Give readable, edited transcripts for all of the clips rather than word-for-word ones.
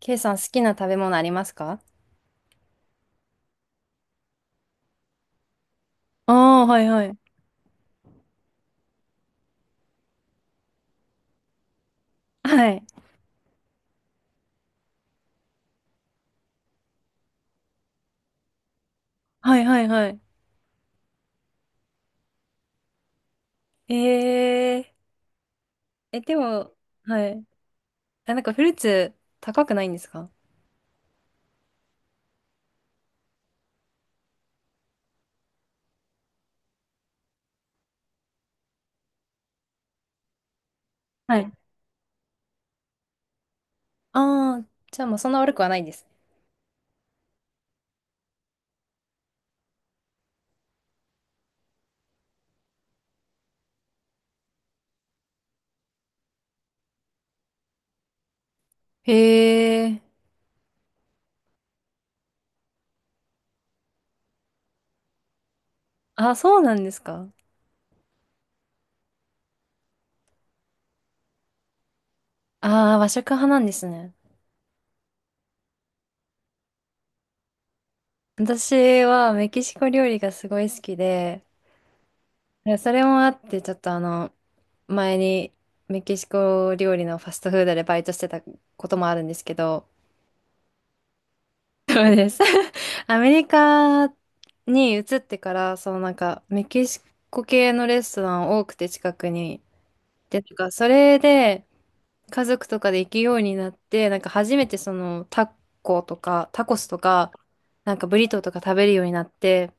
ケイさん、好きな食べ物ありますか？ああ、はいはい。はい。はいはいはい。えええ、でも、はい。あ、なんかフルーツ高くないんですか？はい。ああ、じゃあまあそんな悪くはないですね。へえ。あ、そうなんですか？ああー、和食派なんですね。私はメキシコ料理がすごい好きで、いやそれもあって、ちょっと前にメキシコ料理のファストフードでバイトしてたこともあるんですけど、そうです。アメリカに移ってから、メキシコ系のレストラン多くて近くに。で、なんか、それで、家族とかで行くようになって、なんか初めてタコスとか、なんかブリトーとか食べるようになって、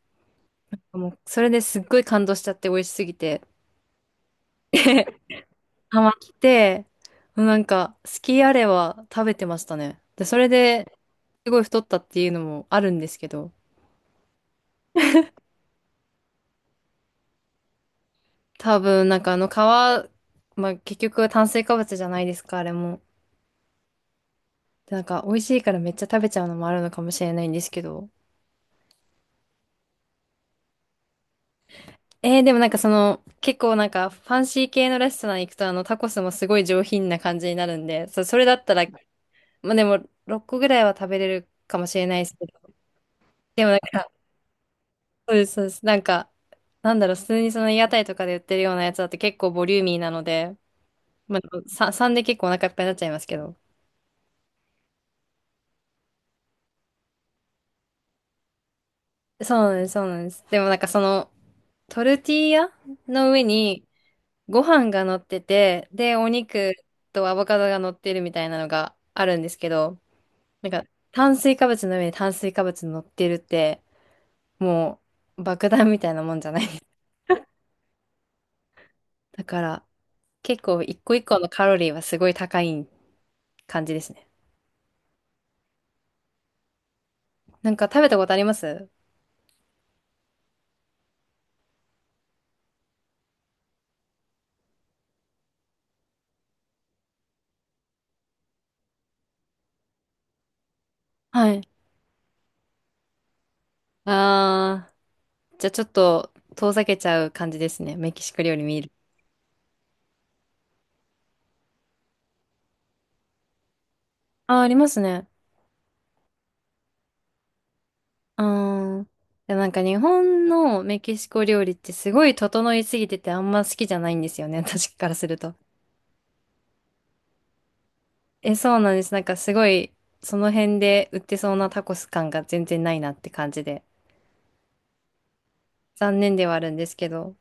もう、それですっごい感動しちゃって美味しすぎて。ハマって、もうなんか、好きあれば食べてましたね。で、それで、すごい太ったっていうのもあるんですけど、多分、なんかあの皮、まあ結局炭水化物じゃないですか、あれも。でなんか美味しいからめっちゃ食べちゃうのもあるのかもしれないんですけど。でもなんか結構なんかファンシー系のレストラン行くとあのタコスもすごい上品な感じになるんで、それだったら、まあでも6個ぐらいは食べれるかもしれないですけど。でもなんか、そうです、そうです。なんか、なんだろう、普通にその屋台とかで売ってるようなやつだって結構ボリューミーなので、まあ、3、さんで結構お腹いっぱいになっちゃいますけど。そうなんです、そうなんです。でもなんかトルティーヤの上にご飯が乗ってて、で、お肉とアボカドが乗ってるみたいなのがあるんですけど、なんか炭水化物の上に炭水化物乗ってるって、もう爆弾みたいなもんじゃないです。だから結構一個一個のカロリーはすごい高い感じですね。なんか食べたことあります？はい。あー、じゃあちょっと遠ざけちゃう感じですね。メキシコ料理見る。あー、ありますね。あー、でもなんか日本のメキシコ料理ってすごい整いすぎててあんま好きじゃないんですよね、私からすると。え、そうなんです。なんかすごい、その辺で売ってそうなタコス感が全然ないなって感じで。残念ではあるんですけど。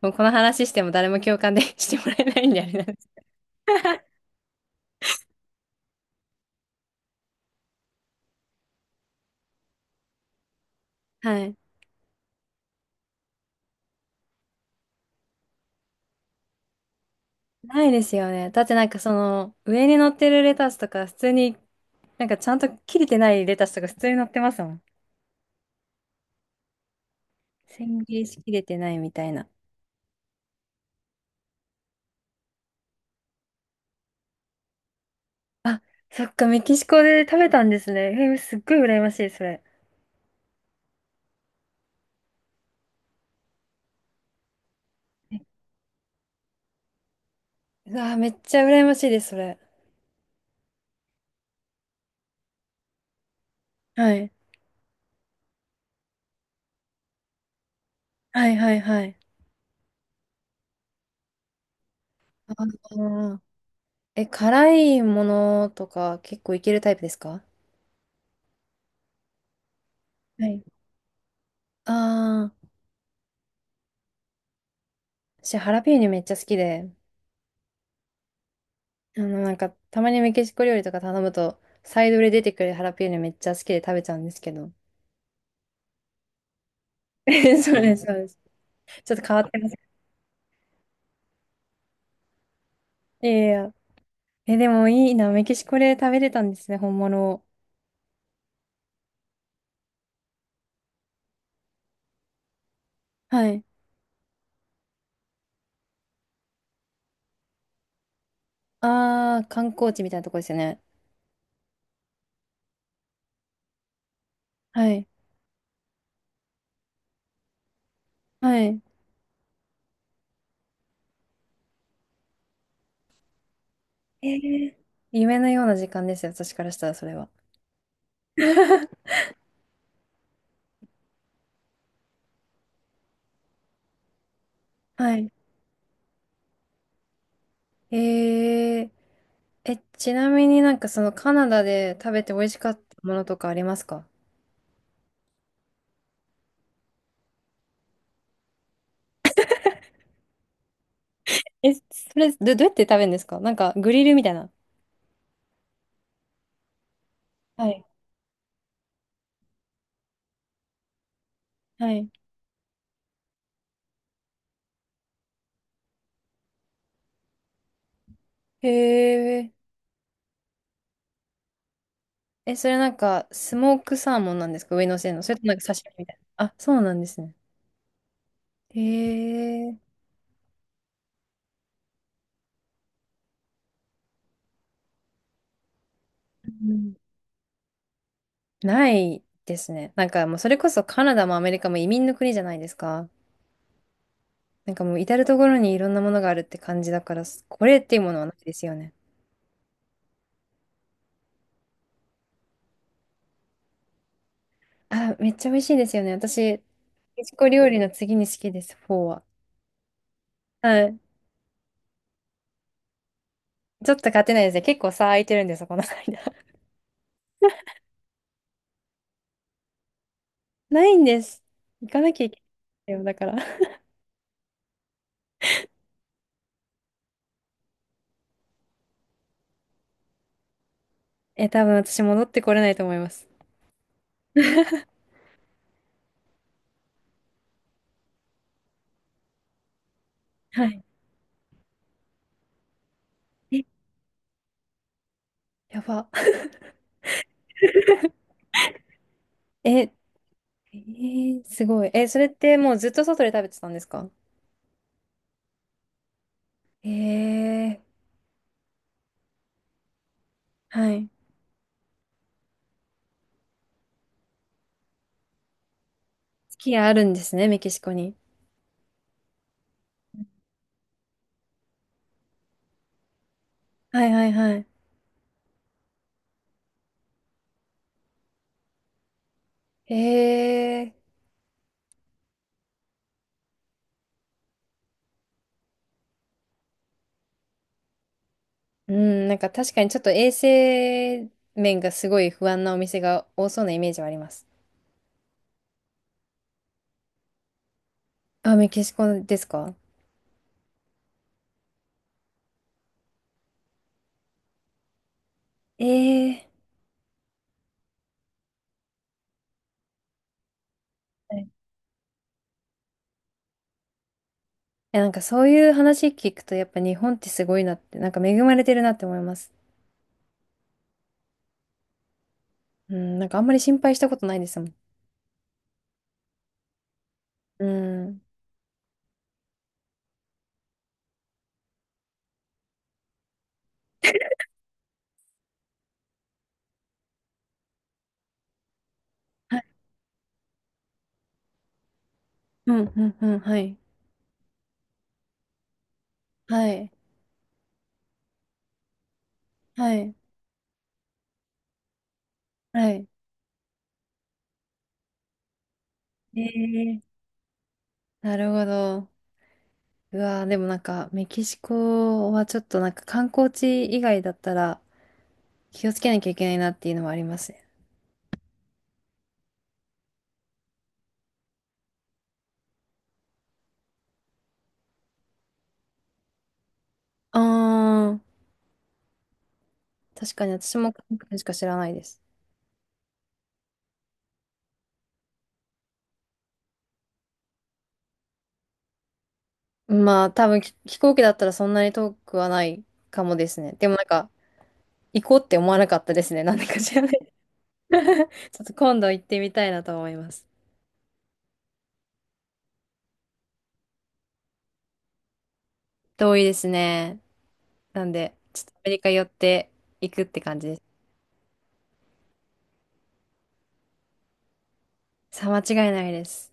もうこの話しても誰も共感で してもらえないんであれなんです。はい。ないですよね。だってなんか上に乗ってるレタスとか普通に、なんかちゃんと切れてないレタスとか普通に乗ってますもん。千切りしきれてないみたいな。あ、そっか、メキシコで食べたんですね。すっごい羨ましい、それ。うわー、めっちゃ羨ましいです、それ。はい。はいはいはい。あー、え、辛いものとか結構いけるタイプですか？はい。ああ、私、ハラペーニョめっちゃ好きで、なんか、たまにメキシコ料理とか頼むと、サイドで出てくるハラペーニョめっちゃ好きで食べちゃうんですけど。えそうです、そうです。ちょっと変わってます。いやいやいや。え、でもいいな、メキシコで食べれたんですね、本物を。はい。ああ、観光地みたいなとこですよね。はい。はい。えー、夢のような時間ですよ、私からしたらそれは。はい。えええ、ちなみになんかカナダで食べて美味しかったものとかありますか？え、それ、どうやって食べるんですか？なんかグリルみたいな。はい。はい。へえ。え、それなんかスモークサーモンなんですか？上に乗せるの。それともなんか刺身みたいな。あ、そうなんですね。へえ。うん。ないですね。なんかもうそれこそカナダもアメリカも移民の国じゃないですか。なんかもう至る所にいろんなものがあるって感じだから、これっていうものはないですよね。あ、めっちゃ美味しいですよね。私、メキシコ料理の次に好きです、フォーは。はい。ちょっと勝てないですね。結構差空いてるんですよ、この間。ないんです。行かなきゃいけないよ、だから。え、多分私戻ってこれないと思います。はい。え、やば。え、えー、すごい。え、それってもうずっと外で食べてたんですか？えー、はい。スキーあるんですね、メキシコに。はいはいはい。へえ。うん、なんか確かにちょっと衛生面がすごい不安なお店が多そうなイメージはあります。あ、メキシコですか？ええ。はい。いやなんかそういう話聞くとやっぱ日本ってすごいなって、なんか恵まれてるなって思います。うん、なんかあんまり心配したことないですもん。うん。はい。うん、うん、うん、はい。はい。はい。はい。ええ。なるほど。うわー、でもなんか、メキシコはちょっとなんか観光地以外だったら気をつけなきゃいけないなっていうのはありますね。あー、確かに私も韓国しか知らないです。まあ、多分飛行機だったらそんなに遠くはないかもですね。でもなんか、行こうって思わなかったですね。なんでか知らない。ちょっと今度行ってみたいなと思います。遠いですね。なんで、ちょっとアメリカ寄って行くって感じです。さあ、間違いないです。